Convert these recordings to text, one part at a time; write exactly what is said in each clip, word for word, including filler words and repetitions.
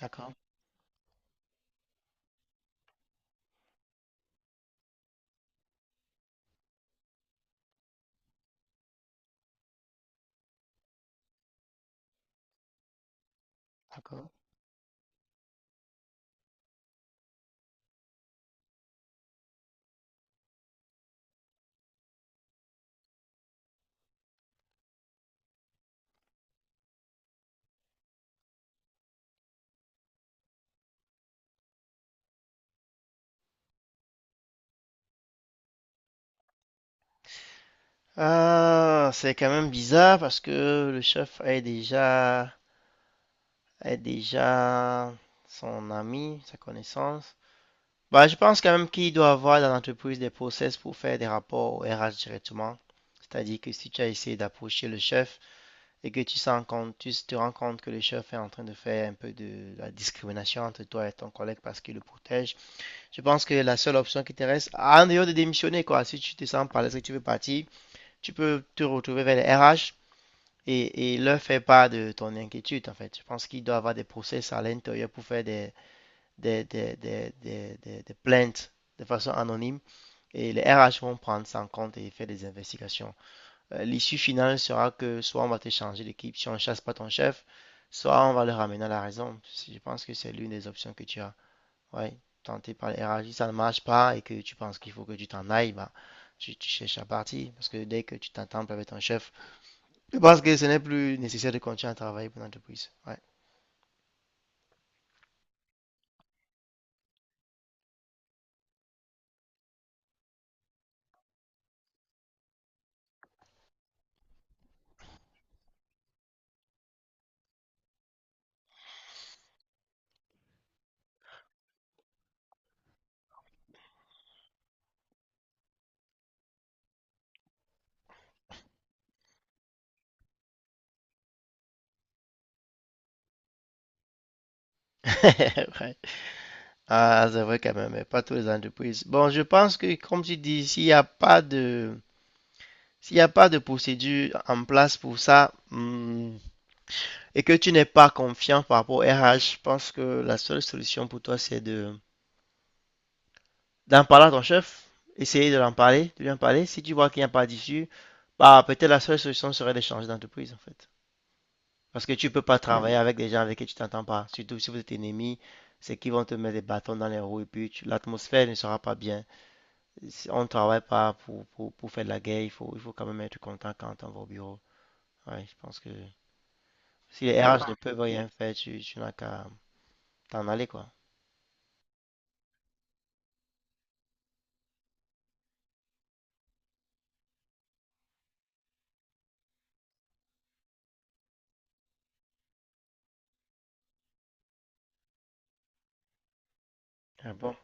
D'accord, d'accord. Ah, c'est quand même bizarre parce que le chef est déjà, est déjà son ami, sa connaissance. Bah, je pense quand même qu'il doit avoir dans l'entreprise des process pour faire des rapports au R H directement. C'est-à-dire que si tu as essayé d'approcher le chef et que tu sens compte, tu te rends compte que le chef est en train de faire un peu de la discrimination entre toi et ton collègue parce qu'il le protège, je pense que la seule option qui te reste, en dehors de démissionner, quoi, si tu te sens pas l'aise que tu veux partir, tu peux te retrouver vers les R H et, et leur faire part de ton inquiétude, en fait. Je pense qu'il doit y avoir des process à l'intérieur pour faire des, des, des, des, des- des- des plaintes de façon anonyme et les R H vont prendre ça en compte et faire des investigations. Euh, l'issue finale sera que soit on va te changer d'équipe si on ne chasse pas ton chef, soit on va le ramener à la raison. Si je pense que c'est l'une des options que tu as. Ouais, tenter par les R H, si ça ne marche pas et que tu penses qu'il faut que tu t'en ailles, bah, tu, tu cherches à partir parce que dès que tu t'entends pas avec ton chef, je pense que ce n'est plus nécessaire de continuer à travailler pour l'entreprise. Ouais. Ouais. Ah, c'est vrai quand même, mais pas toutes les entreprises. Bon, je pense que, comme tu dis, s'il n'y a pas de, s'il n'y a pas de procédure en place pour ça, hmm, et que tu n'es pas confiant par rapport au R H, je pense que la seule solution pour toi, c'est de, d'en parler à ton chef, essayer de l'en parler, de lui en parler. Si tu vois qu'il n'y a pas d'issue, bah, peut-être la seule solution serait d'échanger d'entreprise, en fait. Parce que tu peux pas travailler avec des gens avec qui tu t'entends pas. Surtout si vous êtes ennemis, c'est qu'ils vont te mettre des bâtons dans les roues et puis tu- l'atmosphère ne sera pas bien. Si on ne travaille pas pour, pour, pour faire de la guerre, il faut, il faut quand même être content quand on va au bureau. Ouais, je pense que si les R H ne peuvent rien faire, tu, tu n'as qu'à t'en aller, quoi. Ah bon.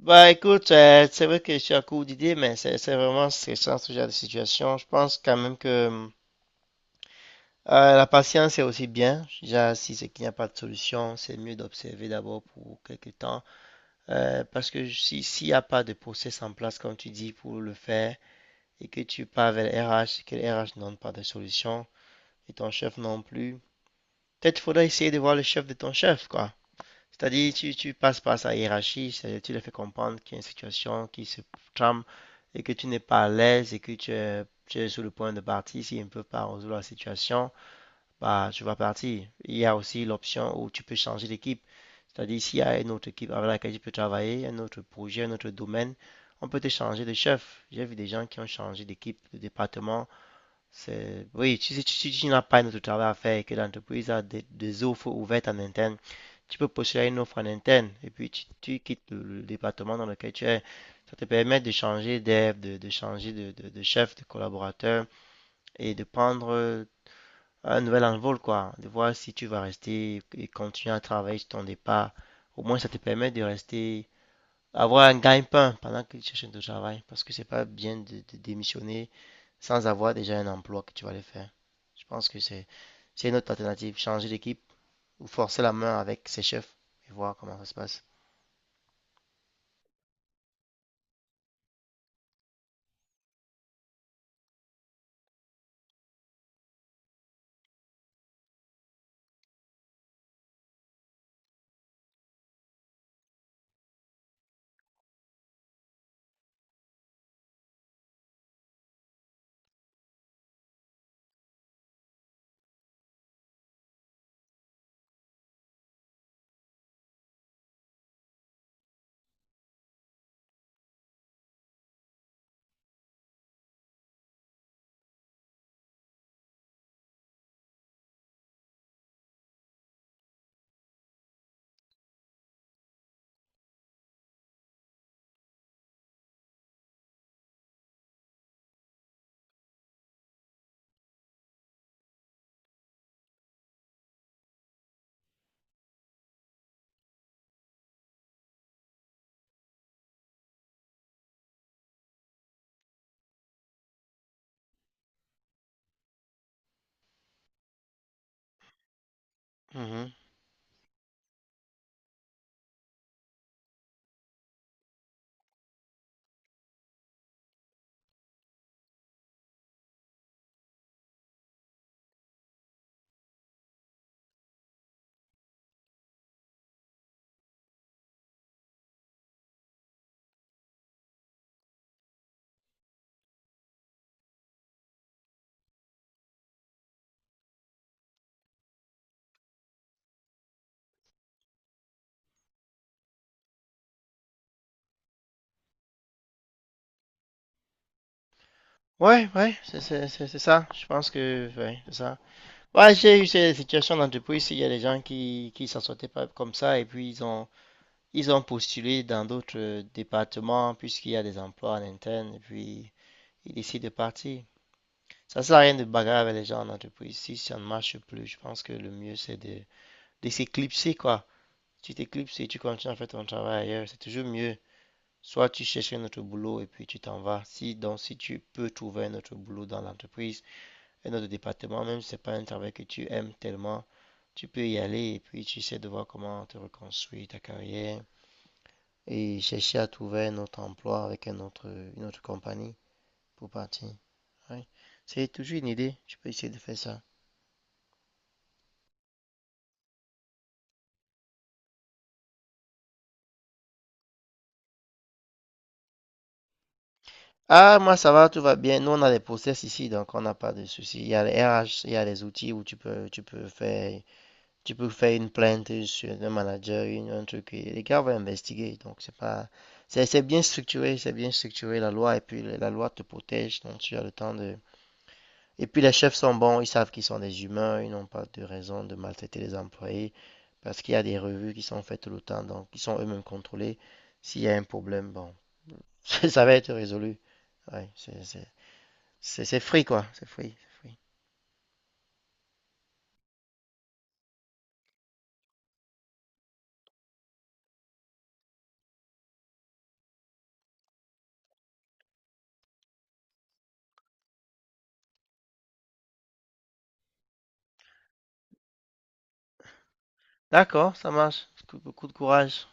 Bah écoute, euh, c'est vrai que je suis à court d'idées, mais c'est c'est vraiment stressant ce genre de situation. Je pense quand même que euh, la patience est aussi bien. Déjà, si c'est qu'il n'y a pas de solution, c'est mieux d'observer d'abord pour quelques temps. Euh, parce que si, s'il n'y a pas de process en place, comme tu dis, pour le faire, et que tu pars vers le R H, et que le R H n'ont pas de solution, et ton chef non plus, peut-être faudra essayer de voir le chef de ton chef, quoi. C'est-à-dire, tu, tu passes par sa hiérarchie, c'est-à-dire tu lui fais comprendre qu'il y a une situation qui se trame, et que tu n'es pas à l'aise, et que tu es, tu es sur le point de partir s'ils ne peut pas résoudre la situation bah, tu vas partir. Il y a aussi l'option où tu peux changer d'équipe. C'est-à-dire, s'il y a une autre équipe avec laquelle tu peux travailler, un autre projet, un autre domaine, on peut te changer de chef. J'ai vu des gens qui ont changé d'équipe, de département. C'est... Oui, si tu, si tu tu n'as pas un autre travail à faire et que l'entreprise a des, des offres ouvertes en interne, tu peux postuler une offre en interne et puis tu, tu quittes le, le département dans lequel tu es. Ça te permet de changer d'air, de, de changer de, de- de chef, de collaborateur et de prendre un nouvel envol, quoi, de voir si tu vas rester et continuer à travailler sur ton départ. Au moins, ça te permet de rester, avoir un gagne-pain pendant que tu cherches un travail, parce que c'est pas bien de, de démissionner sans avoir déjà un emploi que tu vas aller faire. Je pense que c'est, c'est une autre alternative, changer d'équipe ou forcer la main avec ses chefs et voir comment ça se passe. Mhm. Ouais, ouais, c'est c'est- c'est- c'est ça. Je pense que, ouais, c'est ça. Ouais, j'ai eu ces situations d'entreprise, il y a des gens qui qui s'en sortaient pas comme ça et puis ils ont ils ont postulé dans d'autres euh, départements puisqu'il y a des emplois en interne et puis ils décident de partir. Ça ne sert à rien de bagarrer avec les gens en entreprise. Si ça ne marche plus, je pense que le mieux c'est de, de s'éclipser quoi. Tu t'éclipses et tu continues à faire ton travail ailleurs. C'est toujours mieux. Soit tu cherches un autre boulot et puis tu t'en vas. Si, donc, si tu peux trouver un autre boulot dans l'entreprise, un autre département, même si ce n'est pas un travail que tu aimes tellement, tu peux y aller et puis tu essaies de voir comment te reconstruire ta carrière, et chercher à trouver un autre emploi avec un autre, une autre compagnie pour partir. Ouais. C'est toujours une idée. Tu peux essayer de faire ça. Ah, moi, ça va, tout va bien. Nous, on a des process ici, donc on n'a pas de soucis. Il y a les R H, il y a les outils où tu peux, tu peux faire, tu peux faire une plainte sur le manager, une, un truc. Et les gars vont investiguer, donc c'est pas, c'est, c'est bien structuré, c'est bien structuré la loi, et puis la loi te protège, donc tu as le temps de. Et puis les chefs sont bons, ils savent qu'ils sont des humains, ils n'ont pas de raison de maltraiter les employés. Parce qu'il y a des revues qui sont faites tout le temps, donc qui sont eux-mêmes contrôlés. S'il y a un problème, bon, ça va être résolu. Ouais, c'est, c'est, c'est, c'est free, quoi. C'est free, free. D'accord, ça marche. Beaucoup de courage.